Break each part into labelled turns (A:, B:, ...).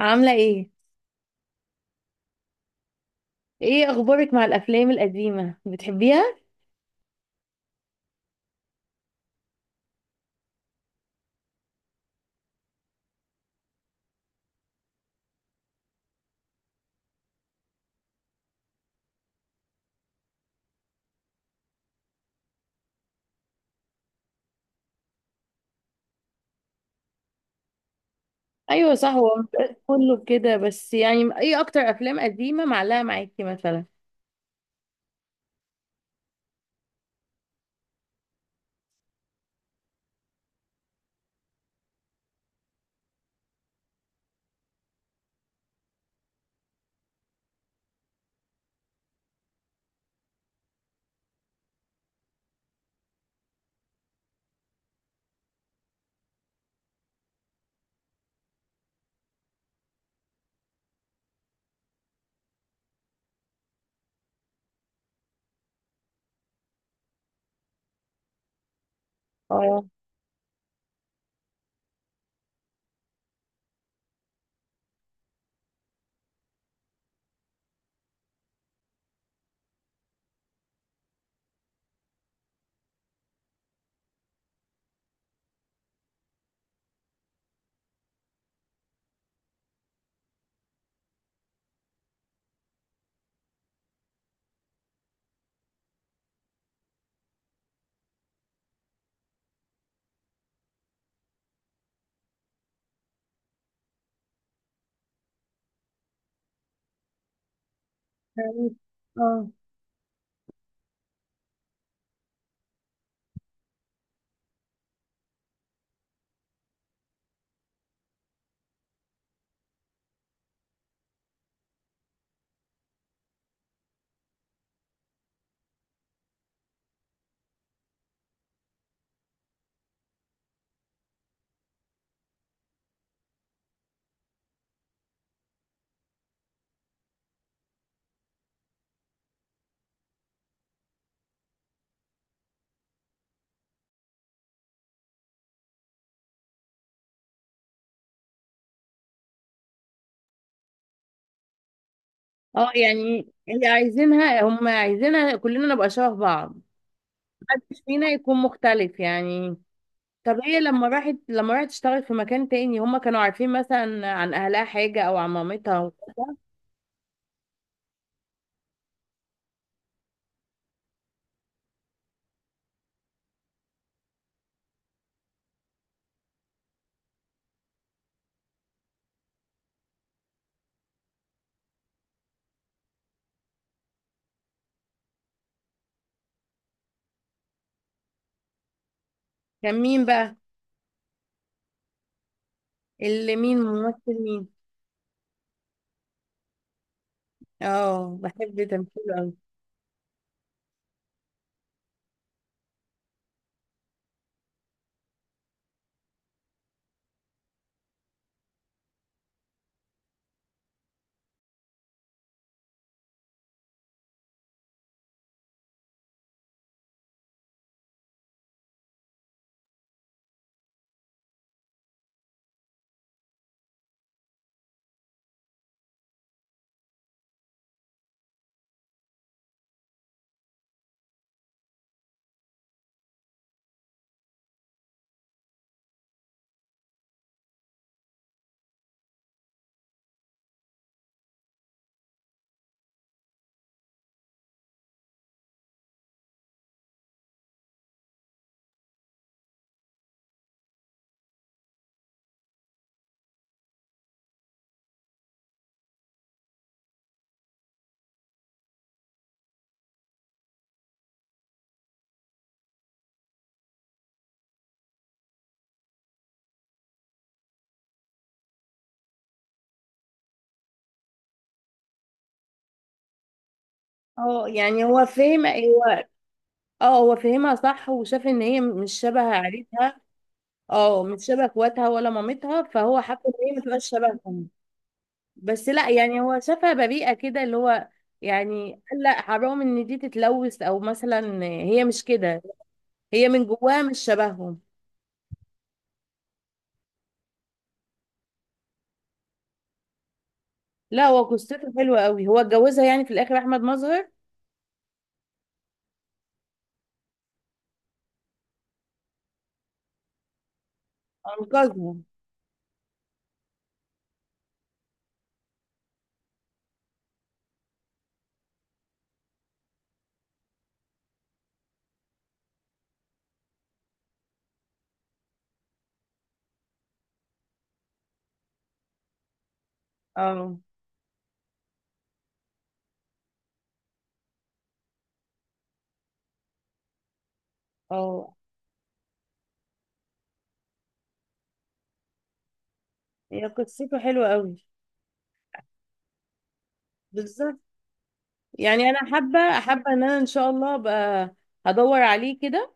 A: عاملة ايه؟ ايه اخبارك مع الافلام القديمة؟ بتحبيها؟ ايوه، صح. هو مش كله كده، بس يعني ايه اكتر افلام قديمة معلقة معاكي مثلا؟ اه. اه، اه. يعني اللي عايزينها هم عايزينها كلنا نبقى شبه بعض، محدش فينا يكون مختلف يعني. طب هي لما راحت، تشتغل في مكان تاني، هم كانوا عارفين مثلا عن اهلها حاجة او عن مامتها؟ كان مين بقى؟ اللي مين، ممثل مين؟ اه، بحب تمثيله أوي. اه، يعني هو فهم هو. اه، هو فهمها صح وشاف ان هي مش شبه عيلتها. اه، مش شبه اخواتها ولا مامتها، فهو حب ان هي ما تبقاش شبههم. بس لا، يعني هو شافها بريئه كده، اللي هو يعني قال لا حرام ان دي تتلوث، او مثلا هي مش كده، هي من جواها مش شبههم. لا، هو قصته حلوه قوي. هو اتجوزها يعني في الاخر احمد مظهر؟ انقذها؟ اه. اه، هي قصته حلوه قوي. بالظبط. يعني انا حابه ان انا ان شاء الله ابقى هدور عليه كده،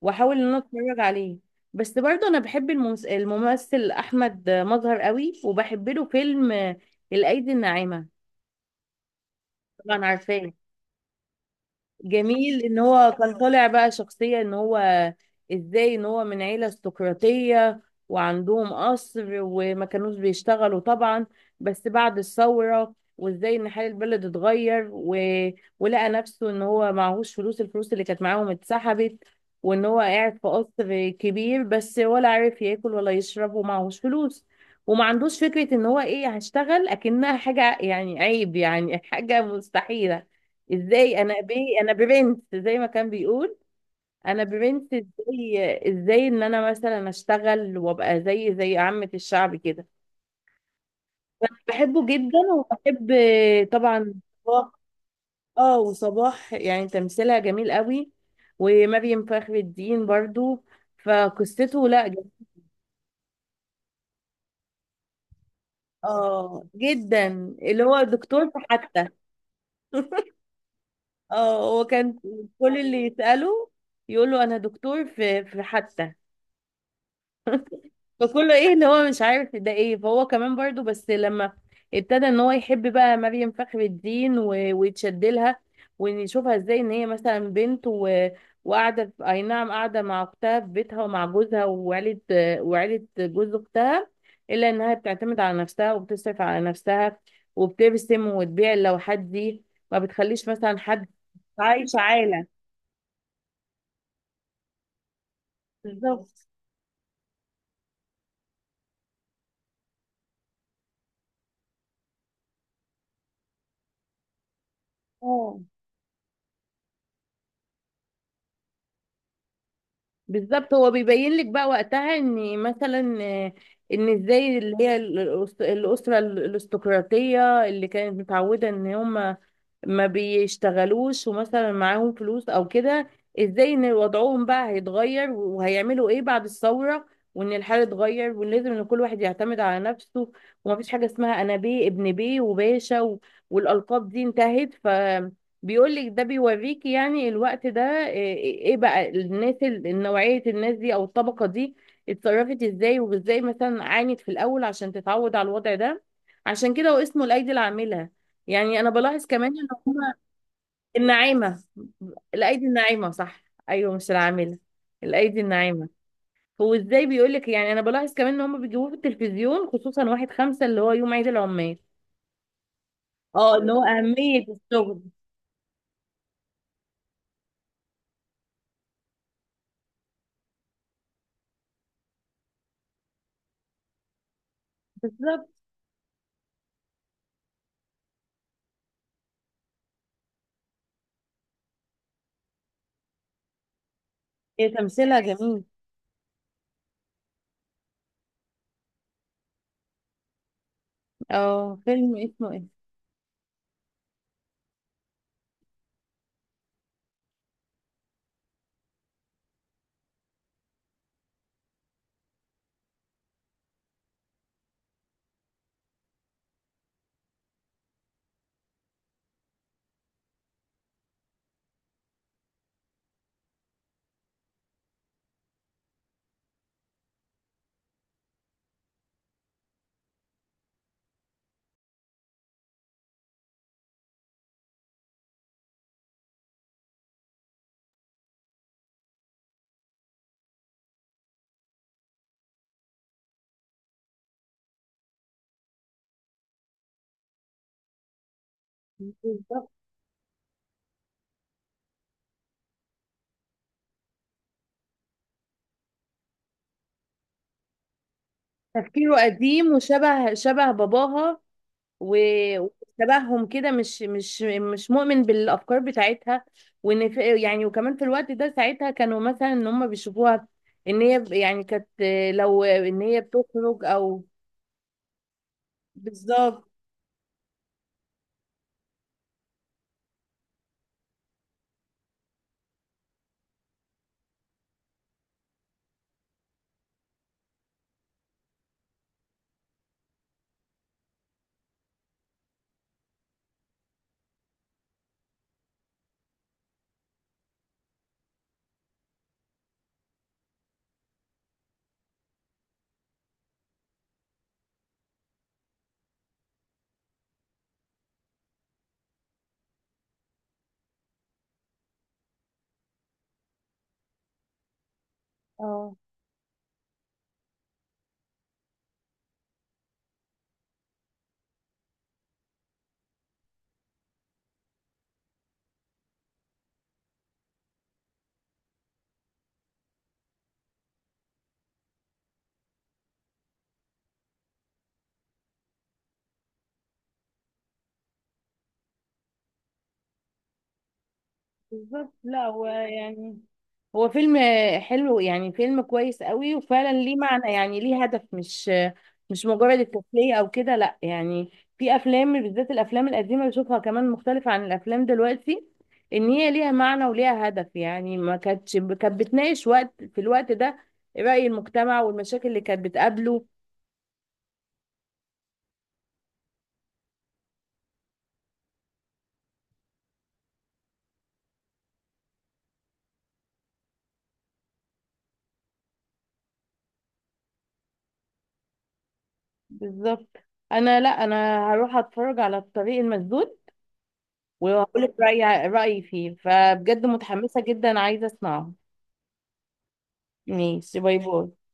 A: واحاول ان انا اتفرج عليه. بس برضه انا بحب الممثل احمد مظهر قوي، وبحب له فيلم الايدي الناعمه. طبعا عارفاه. جميل ان هو كان طالع بقى شخصية ان هو، ازاي ان هو من عيلة استقراطية وعندهم قصر وما كانوش بيشتغلوا طبعا، بس بعد الثورة وازاي ان حال البلد اتغير ولقى نفسه ان هو معهوش فلوس، الفلوس اللي كانت معاهم اتسحبت، وان هو قاعد في قصر كبير بس ولا عارف ياكل ولا يشرب ومعهوش فلوس، وما عندوش فكرة ان هو ايه هشتغل، اكنها حاجة يعني عيب، يعني حاجة مستحيلة. ازاي انا بي انا برنس زي ما كان بيقول. انا برنس، ازاي ان انا مثلا اشتغل وابقى زي عامة الشعب كده. بحبه جدا، وبحب طبعا صباح. اه، وصباح يعني تمثيلها جميل قوي. ومريم فخر الدين برضو. فقصته لا جم- اه، جدا. اللي هو دكتور في حتى. اه، هو كان كل اللي يسأله يقول له انا دكتور في حتى. فكله ايه اللي هو مش عارف ده ايه. فهو كمان برضو، بس لما ابتدى ان هو يحب بقى مريم فخر الدين ويتشد لها، ونشوفها ازاي ان هي مثلا بنت وقاعده اي نعم، قاعده مع اختها في بيتها ومع جوزها وعيله جوز اختها، الا انها بتعتمد على نفسها وبتصرف على نفسها وبترسم وتبيع اللوحات دي، ما بتخليش مثلا حد عايش عالة. بالظبط. اه، بالظبط. هو بيبين لك بقى وقتها ان مثلا، ان ازاي اللي هي الاسره الارستقراطيه اللي كانت متعوده ان هم ما بيشتغلوش ومثلا معاهم فلوس او كده، ازاي ان وضعهم بقى هيتغير وهيعملوا ايه بعد الثوره، وان الحال اتغير وان لازم ان كل واحد يعتمد على نفسه، ومفيش حاجه اسمها انا بيه ابن بيه وباشا والالقاب دي انتهت. بيقول لك ده بيوريك يعني الوقت ده، إيه بقى الناس، نوعية الناس دي او الطبقة دي اتصرفت ازاي، وازاي مثلا عانت في الاول عشان تتعود على الوضع ده. عشان كده هو اسمه الايدي العاملة، يعني انا بلاحظ كمان ان هما الناعمة، الايدي الناعمة صح. ايوه، مش العاملة، الايدي الناعمة. هو ازاي بيقول لك، يعني انا بلاحظ كمان ان هما بيجيبوه في التلفزيون خصوصا 1/5 اللي هو يوم عيد العمال. اه، اللي هو اهمية الشغل. بالظبط. هي تمثيلها جميل. اه، فيلم اسمه ايه؟ بالظبط. تفكيره قديم، وشبه شبه باباها، و- وشبههم كده، مش مؤمن بالافكار بتاعتها، وان في يعني، وكمان في الوقت ده ساعتها كانوا مثلا ان هم بيشوفوها ان هي يعني كانت، لو ان هي بتخرج او. بالظبط. اه، بالظبط. لا هو يعني، هو فيلم حلو يعني، فيلم كويس قوي، وفعلا ليه معنى يعني، ليه هدف. مش مجرد التسلية او كده، لا يعني. في افلام بالذات الافلام القديمة، بشوفها كمان مختلفة عن الافلام دلوقتي. ان هي ليها معنى وليها هدف، يعني ما كانتش، كانت بتناقش وقت في الوقت ده رأي المجتمع والمشاكل اللي كانت بتقابله. بالظبط. انا، لا انا هروح اتفرج على الطريق المسدود وهقول لك رأيي فيه. فبجد متحمسة جدا، عايزة اسمعه. ماشي، باي باي.